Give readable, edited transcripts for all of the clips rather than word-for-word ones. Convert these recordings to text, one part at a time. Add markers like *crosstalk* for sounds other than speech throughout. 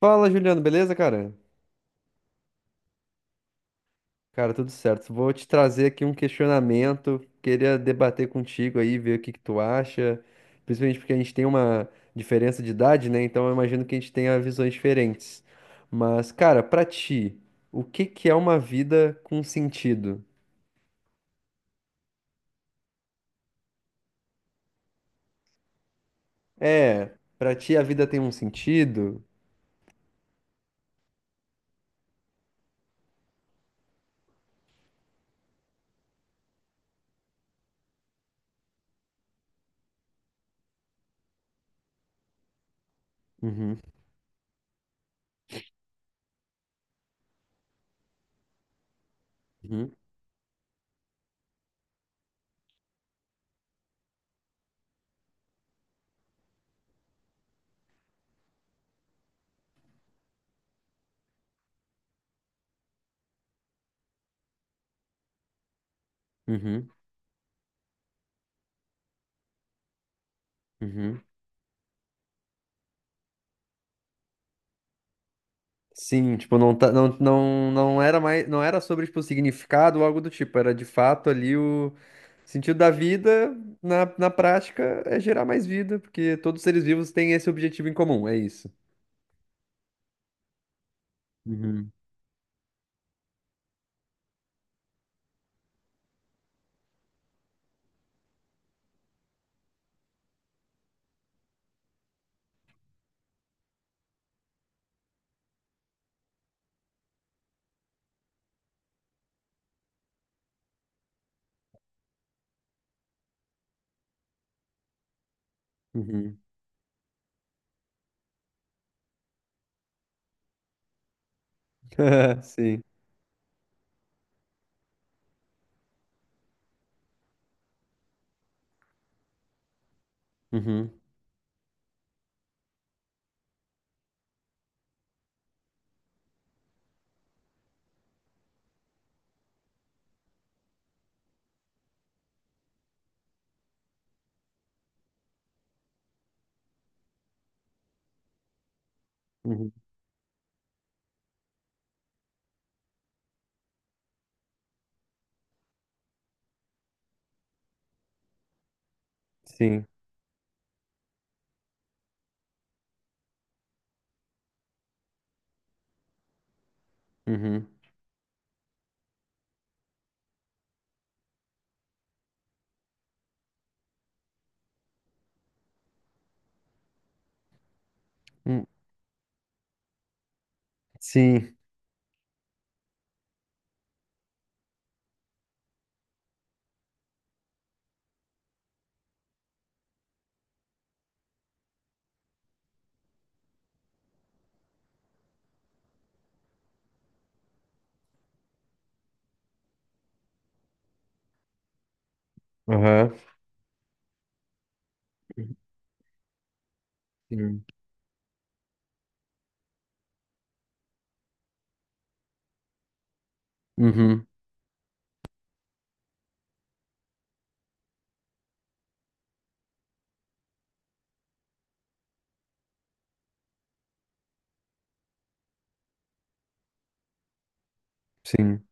Fala, Juliano, beleza, cara? Cara, tudo certo. Vou te trazer aqui um questionamento. Queria debater contigo aí, ver o que que tu acha. Principalmente porque a gente tem uma diferença de idade, né? Então eu imagino que a gente tenha visões diferentes. Mas, cara, pra ti, o que que é uma vida com sentido? É, pra ti a vida tem um sentido? Uhum, uhum, uhum, uhum. Sim, tipo, não, tá, não, não, não era mais, não era sobre, tipo, significado ou algo do tipo, era de fato ali o sentido da vida, na prática, é gerar mais vida, porque todos os seres vivos têm esse objetivo em comum, é isso. Uhum. Uhum. *laughs* Sim. Uhum. Uhum. Sim. Uhum. Hum. Sim. Aham. Sim. Uhum. Sim.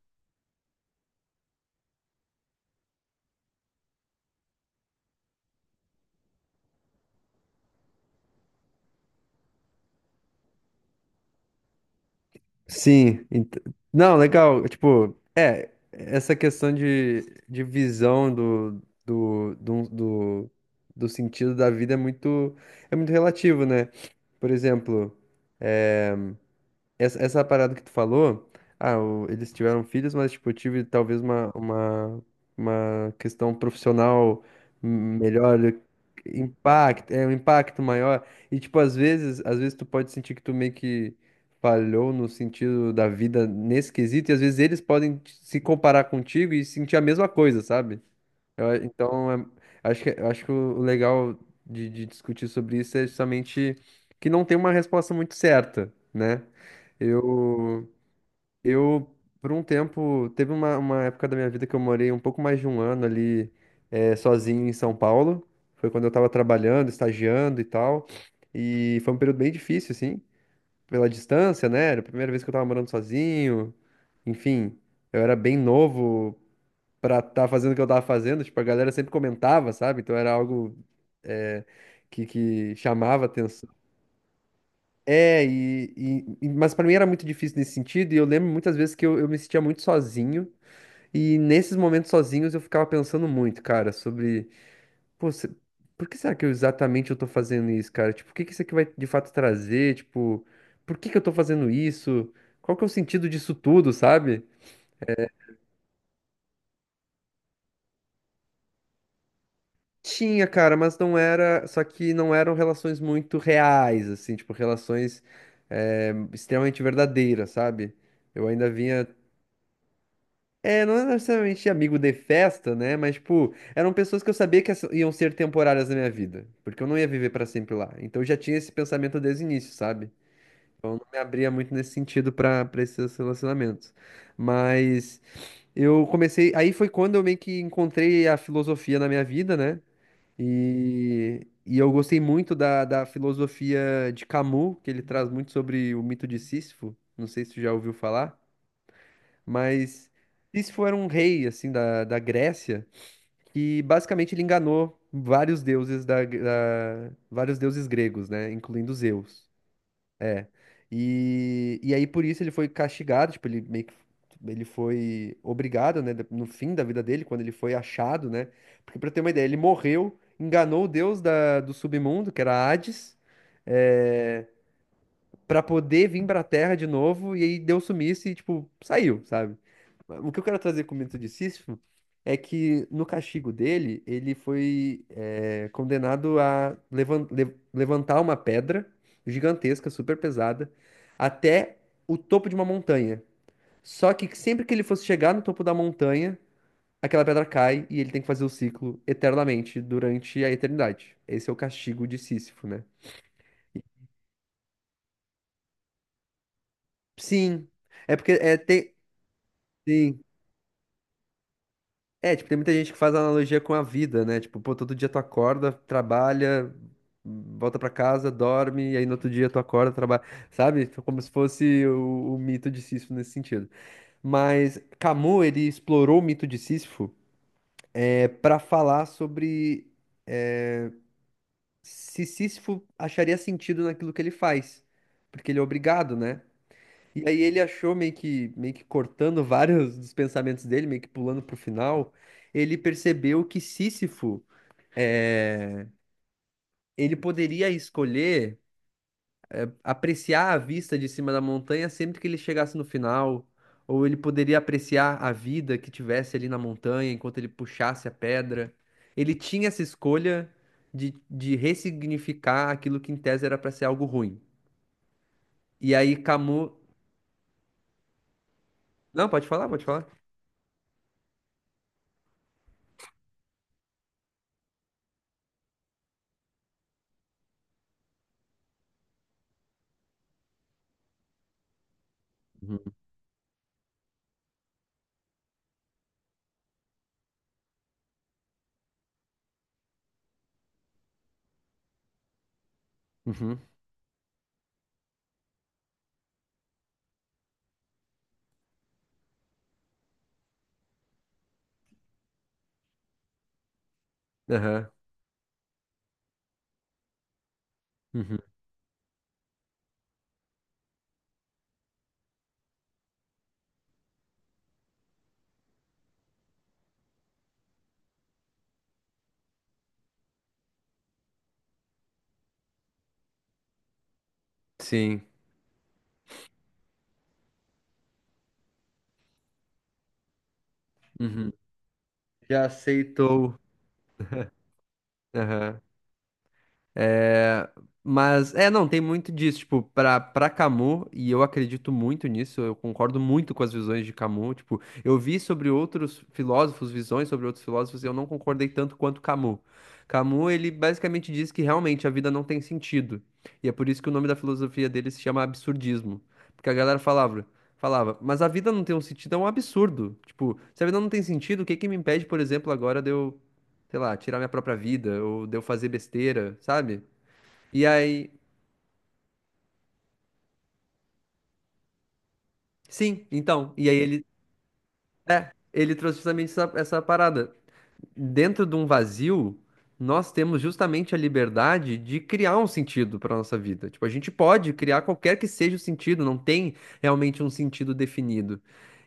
Sim, não, legal, tipo, é, essa questão de visão do sentido da vida é é muito relativo, né? Por exemplo, essa parada que tu falou, ah, eles tiveram filhos, mas tipo, eu tive talvez uma questão profissional melhor, impacto, é um impacto maior. E tipo, às vezes tu pode sentir que tu meio que falhou no sentido da vida nesse quesito, e às vezes eles podem se comparar contigo e sentir a mesma coisa, sabe? Eu a- então, é- acho que o legal de discutir sobre isso é justamente que não tem uma resposta muito certa, né? Eu, eu, por um tempo, teve uma época da minha vida que eu morei um pouco mais de um ano ali, sozinho em São Paulo. Foi quando eu tava trabalhando, estagiando e tal. E foi um período bem difícil, assim, pela distância, né? Era a primeira vez que eu tava morando sozinho. Enfim, eu era bem novo pra estar fazendo o que eu tava fazendo. Tipo, a galera sempre comentava, sabe? Então era algo, eh, que chamava atenção. Mas pra mim era muito difícil nesse sentido, e eu lembro muitas vezes que eu me sentia muito sozinho, e nesses momentos sozinhos eu ficava pensando muito, cara, sobre, pô, por que será que eu exatamente eu tô fazendo isso, cara? Tipo, o que que isso aqui vai de fato trazer? Tipo, por que que eu tô fazendo isso? Qual que é o sentido disso tudo, sabe? Tinha, cara, mas não era, só que não eram relações muito reais, assim, tipo, relações, extremamente verdadeiras, sabe? Eu ainda vinha. É, não é necessariamente amigo de festa, né? Mas, tipo, eram pessoas que eu sabia que iam ser temporárias na minha vida, porque eu não ia viver pra sempre lá. Então eu já tinha esse pensamento desde o início, sabe? Me abria muito nesse sentido pra para esses relacionamentos. Mas eu comecei, aí foi quando eu meio que encontrei a filosofia na minha vida, né? E eu gostei muito da, da filosofia de Camus, que ele traz muito sobre o mito de Sísifo. Não sei se tu já ouviu falar. Mas isso foi um rei assim da, da Grécia que basicamente ele enganou vários deuses vários deuses gregos, né, incluindo Zeus. É. E aí por isso ele foi castigado, tipo, ele meio que ele foi obrigado, né, no fim da vida dele, quando ele foi achado, né? Porque pra ter uma ideia, ele morreu, enganou o deus da, do submundo, que era Hades, é, pra poder vir pra Terra de novo, e aí deu sumiço e, tipo, saiu, sabe? O que eu quero trazer com o mito de Sísifo é que no castigo dele, ele foi condenado a levantar uma pedra gigantesca, super pesada, até o topo de uma montanha. Só que sempre que ele fosse chegar no topo da montanha, aquela pedra cai e ele tem que fazer o ciclo eternamente durante a eternidade. Esse é o castigo de Sísifo, né? Sim, é porque é, tem. É, tipo, tem muita gente que faz analogia com a vida, né? Tipo, pô, todo dia tu acorda, trabalha, volta pra casa, dorme, e aí no outro dia tu acorda, trabalha, sabe? Tipo, como se fosse o mito de Sísifo nesse sentido. Mas Camus, ele explorou o mito de Sísifo para falar sobre é, se Sísifo acharia sentido naquilo que ele faz, porque ele é obrigado, né? E aí ele achou meio que cortando *laughs* vários dos pensamentos dele, meio que pulando pro final, ele percebeu que Sísifo ele poderia escolher apreciar a vista de cima da montanha sempre que ele chegasse no final, ou ele poderia apreciar a vida que tivesse ali na montanha enquanto ele puxasse a pedra. Ele tinha essa escolha de ressignificar aquilo que em tese era para ser algo ruim. E aí Camus. Não, pode falar, pode falar. Uhum. Uhum. Aham. Uhum. Sim. Uhum. Já aceitou. Aham. É, mas, é, não, tem muito disso, tipo, pra, pra Camus, e eu acredito muito nisso, eu concordo muito com as visões de Camus, tipo, eu vi sobre outros filósofos, visões sobre outros filósofos, e eu não concordei tanto quanto Camus. Camus, ele basicamente diz que realmente a vida não tem sentido, e é por isso que o nome da filosofia dele se chama absurdismo, porque a galera falava, falava, mas a vida não tem um sentido, é um absurdo, tipo, se a vida não tem sentido, o que que me impede, por exemplo, agora de eu, sei lá, tirar minha própria vida, ou de eu fazer besteira, sabe? E aí. Sim, então. E aí ele. É, ele trouxe justamente essa parada. Dentro de um vazio, nós temos justamente a liberdade de criar um sentido para nossa vida. Tipo, a gente pode criar qualquer que seja o sentido, não tem realmente um sentido definido.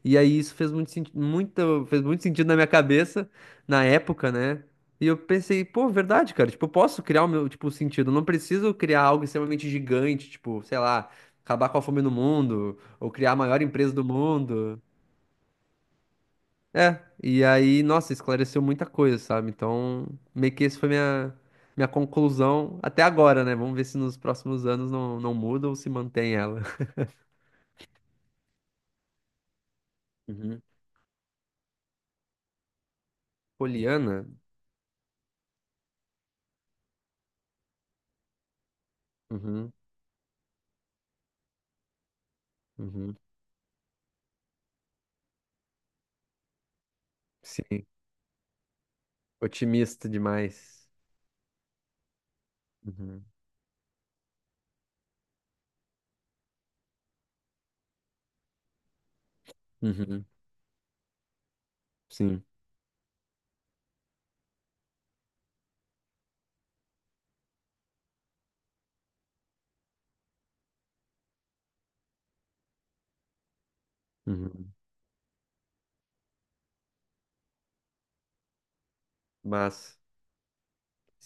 E aí isso fez fez muito sentido na minha cabeça na época, né? E eu pensei, pô, verdade, cara, tipo, eu posso criar o meu, tipo, sentido, eu não preciso criar algo extremamente gigante, tipo, sei lá, acabar com a fome no mundo, ou criar a maior empresa do mundo. É, e aí, nossa, esclareceu muita coisa, sabe? Então, meio que esse foi minha, minha conclusão até agora, né? Vamos ver se nos próximos anos não, não muda ou se mantém ela. Uhum. Poliana? Uhum, uhum. Sim. Otimista demais. Uhum, uhum, sim, uhum. Mas.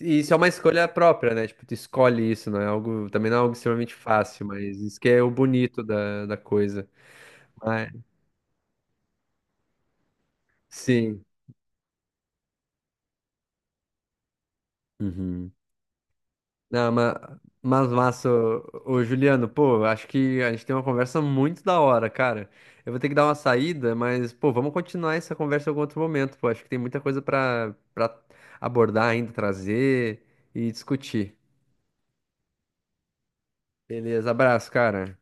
E isso é uma escolha própria, né? Tipo, tu escolhe isso, não é algo. Também não é algo extremamente fácil, mas isso que é o bonito da, da coisa. Mas, sim. Uhum. Não, mas massa, ô, ô, Juliano, pô, acho que a gente tem uma conversa muito da hora, cara. Eu vou ter que dar uma saída, mas, pô, vamos continuar essa conversa em algum outro momento, pô. Acho que tem muita coisa pra, pra abordar ainda, trazer e discutir. Beleza, abraço, cara.